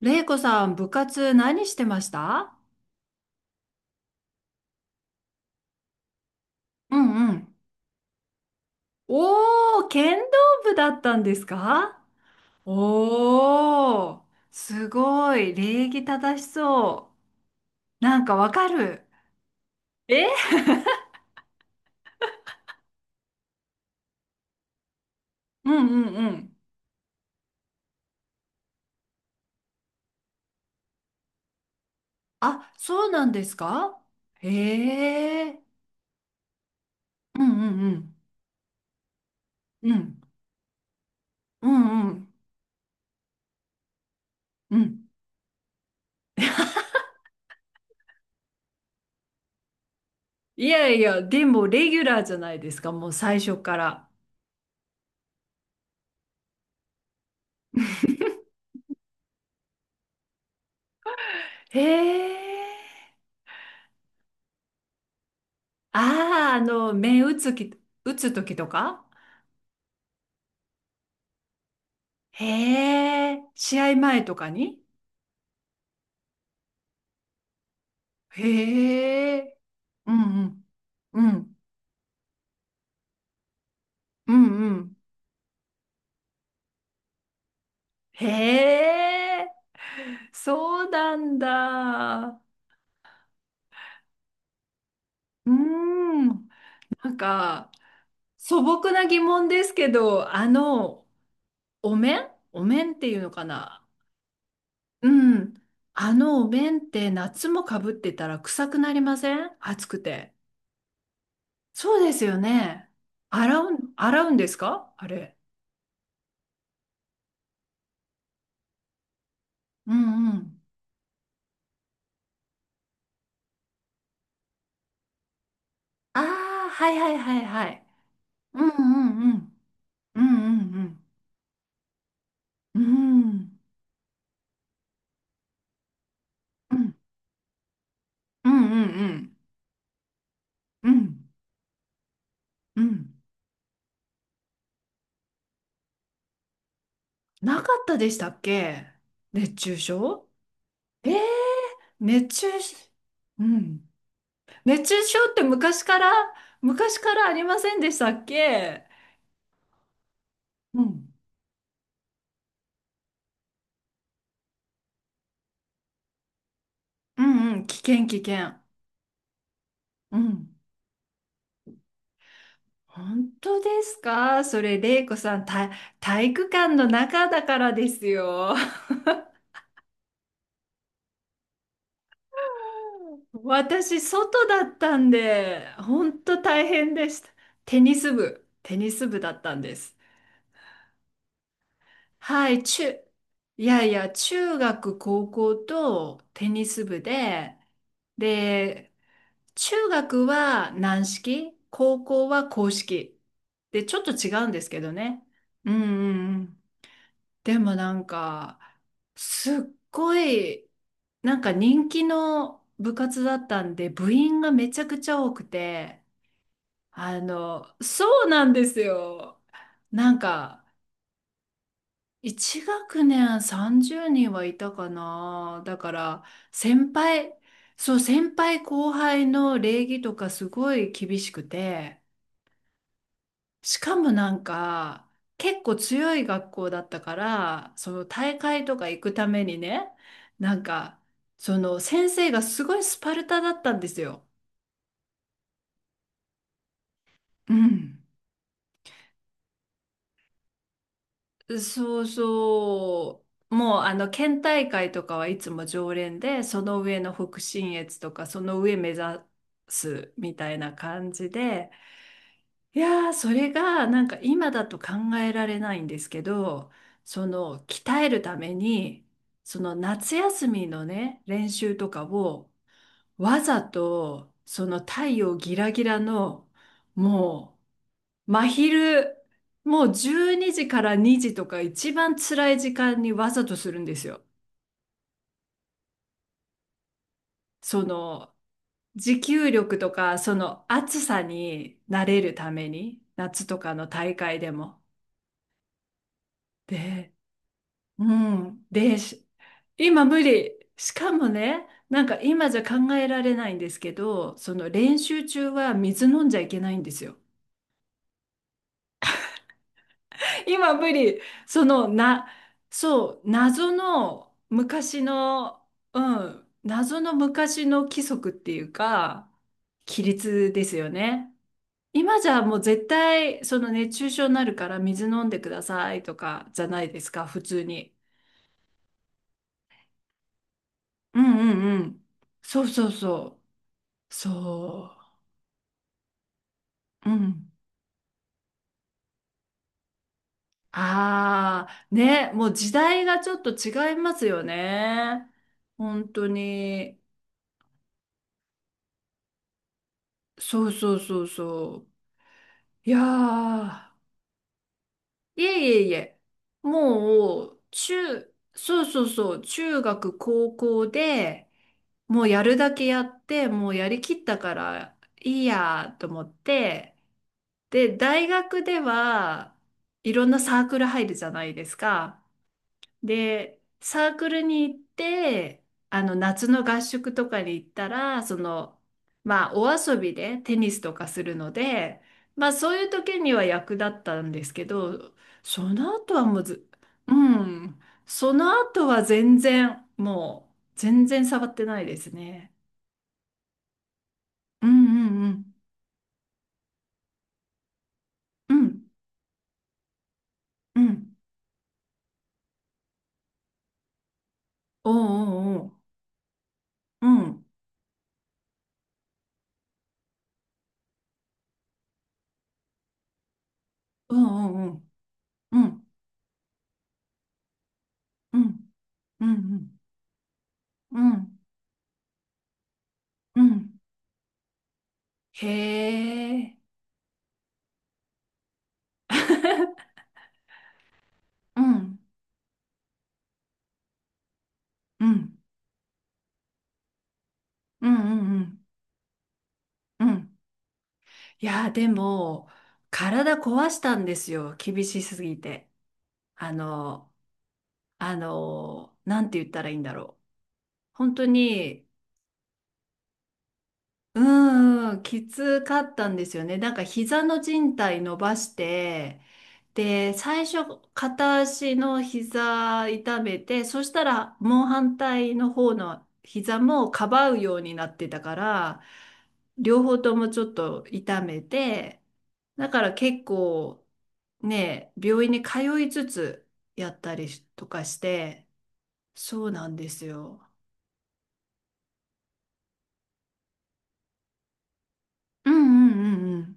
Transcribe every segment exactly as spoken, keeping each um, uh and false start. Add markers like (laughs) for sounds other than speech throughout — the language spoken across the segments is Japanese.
れいこさん、部活何してました？うんうん。おー、剣道部だったんですか？おー、すごい、礼儀正しそう。なんかわかる。え？うんうんうん。あ、そうなんですか？へえ。うんうんうん。うん。うんうんうん。いやいや、でもレギュラーじゃないですか、もう最初から。へえ。ああ、あの、目打つき、打つ時とか。へえ、試合前とかに？へえ、うんうん、うん、うんうん。へえ、そうなんだ。うん、なんか、素朴な疑問ですけど、あの、お面、お面っていうのかな？うん。あのお面って夏もかぶってたら臭くなりません？暑くて。そうですよね。洗う、洗うんですかあれ。うんうん。ああ、はいはいはいはい。うんうんうん。うんうんうん。うんうんうんうん。うんうん。なかったでしたっけ？熱中症。えー、熱中し、うん。熱中症って昔から、昔からありませんでしたっけ？うん。うんうん。危険、危険。うん。本当ですかそれ、れいこさん、体体育館の中だからですよ。私、外だったんで、本当大変でした。テニス部、テニス部だったんです。はい、中、いやいや、中学、高校とテニス部で、で、中学は軟式、高校は硬式。で、ちょっと違うんですけどね。うんうんうん。でもなんか、すっごい、なんか人気の部活だったんで、部員がめちゃくちゃ多くて、あの、そうなんですよ。なんか、一学年さんじゅうにんはいたかな。だから、先輩、そう、先輩後輩の礼儀とかすごい厳しくて、しかもなんか、結構強い学校だったから、その大会とか行くためにね、なんか、その先生がすごいスパルタだったんですよ。うん。そうそう。もうあの県大会とかはいつも常連で、その上の北信越とかその上目指すみたいな感じで、いやー、それがなんか今だと考えられないんですけど、その鍛えるために、その夏休みのね、練習とかをわざとその太陽ギラギラのもう真昼、もうじゅうにじからにじとか一番辛い時間にわざとするんですよ。その、持久力とか、その暑さに慣れるために、夏とかの大会でも。で、うん。で、し今無理。しかもね、なんか今じゃ考えられないんですけど、その練習中は水飲んじゃいけないんですよ。今無理。その、な、そう、謎の昔の、うん、謎の昔の規則っていうか、規律ですよね。今じゃもう絶対、その熱中症になるから水飲んでくださいとかじゃないですか、普通に。うんうんうん。そうそうそう。そう。うん。ああ、ね、もう時代がちょっと違いますよね。本当に。そうそうそうそう。いやー、いえいえいえ、もう、中、そうそうそう、中学、高校で、もうやるだけやって、もうやりきったからいいやと思って、で、大学では、いろんなサークル入るじゃないですか。で、サークルに行って、あの、夏の合宿とかに行ったら、その、まあ、お遊びでテニスとかするので、まあ、そういう時には役立ったんですけど、その後はもうず、うん、その後は全然、もう、全然触ってないですね。うんうんうん。うん、うん。おうおうおう。うん。おうおうおう。うん、うん、うん、うん、うん。うん。へえ。うん、うん、うん、うん、うん。うん。いやー、でも、体壊したんですよ。厳しすぎて。あの、あの、なんて言ったらいいんだろう。本当に、うーん、んきつかったんですよね。なんか膝の靭帯伸ばして、で、最初、片足の膝痛めて、そしたらもう反対の方の膝もかばうようになってたから、両方ともちょっと痛めて、だから結構ね、病院に通いつつやったりとかして、そうなんですよ。うんうんうんう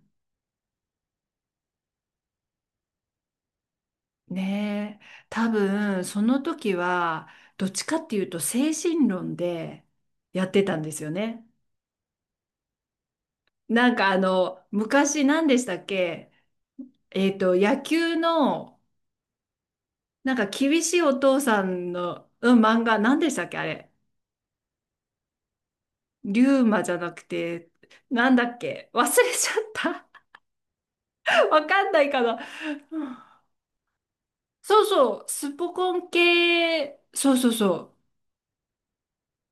ん。ねえ、多分その時はどっちかっていうと精神論でやってたんですよね。なんかあの昔何でしたっけ？えっと野球のなんか厳しいお父さんの、うん、漫画何でしたっけ、あれ。リューマじゃなくて、なんだっけ、忘れちゃった。 (laughs) わかんないかな。そうそう、スポコン系、そうそうそう。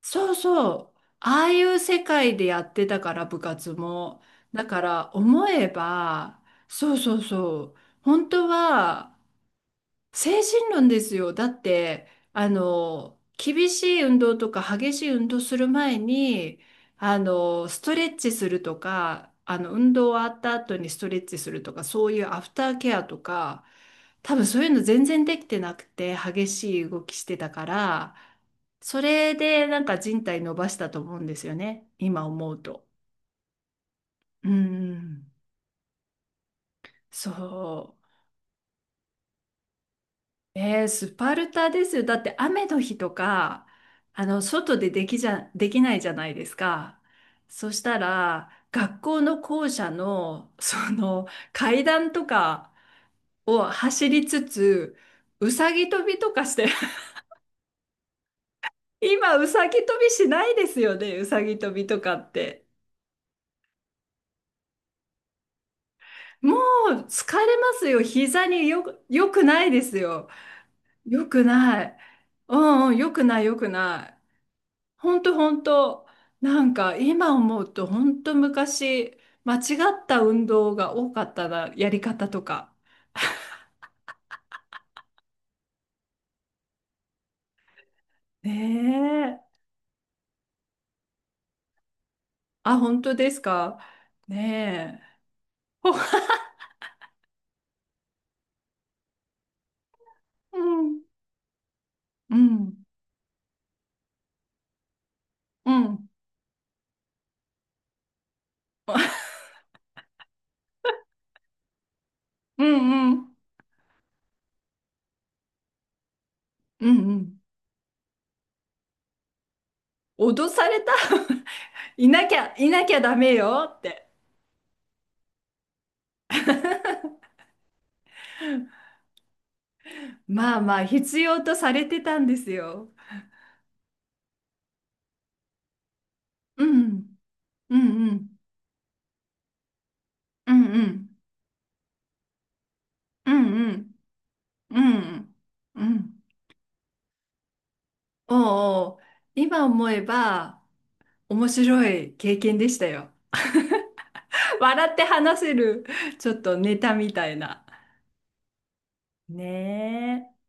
そうそう。ああいう世界でやってたから、部活も。だから、思えば、そうそうそう。本当は、精神論ですよ。だって、あの、厳しい運動とか激しい運動する前に、あの、ストレッチするとか、あの、運動終わった後にストレッチするとか、そういうアフターケアとか、多分そういうの全然できてなくて、激しい動きしてたから、それでなんか人体伸ばしたと思うんですよね。今思うと。うん。そう。えー、スパルタですよ。だって雨の日とか、あの、外でできじゃ、できないじゃないですか。そしたら、学校の校舎の、(laughs) その、階段とかを走りつつ、うさぎ跳びとかして、(laughs) 今、うさぎ跳びしないですよね、うさぎ跳びとかって。もう、疲れますよ。膝によ、よくないですよ。よくない。うんうん、よくない、よくない。本当、本当、なんか今思うと本当、昔間違った運動が多かったな、やり方とか。ねえ。あ、本当ですか？ねえ。ほうんうんうん。 (laughs) うんうんうんうん。脅された。 (laughs) いなきゃいなきゃダメよって。 (laughs) まあまあ必要とされてたんですよ。うんうんうんうんうんうんうんうんうんうん。おうおう、今思えば面白い経験でしたよ。(laughs) 笑って話せる、ちょっとネタみたいな。ねえ。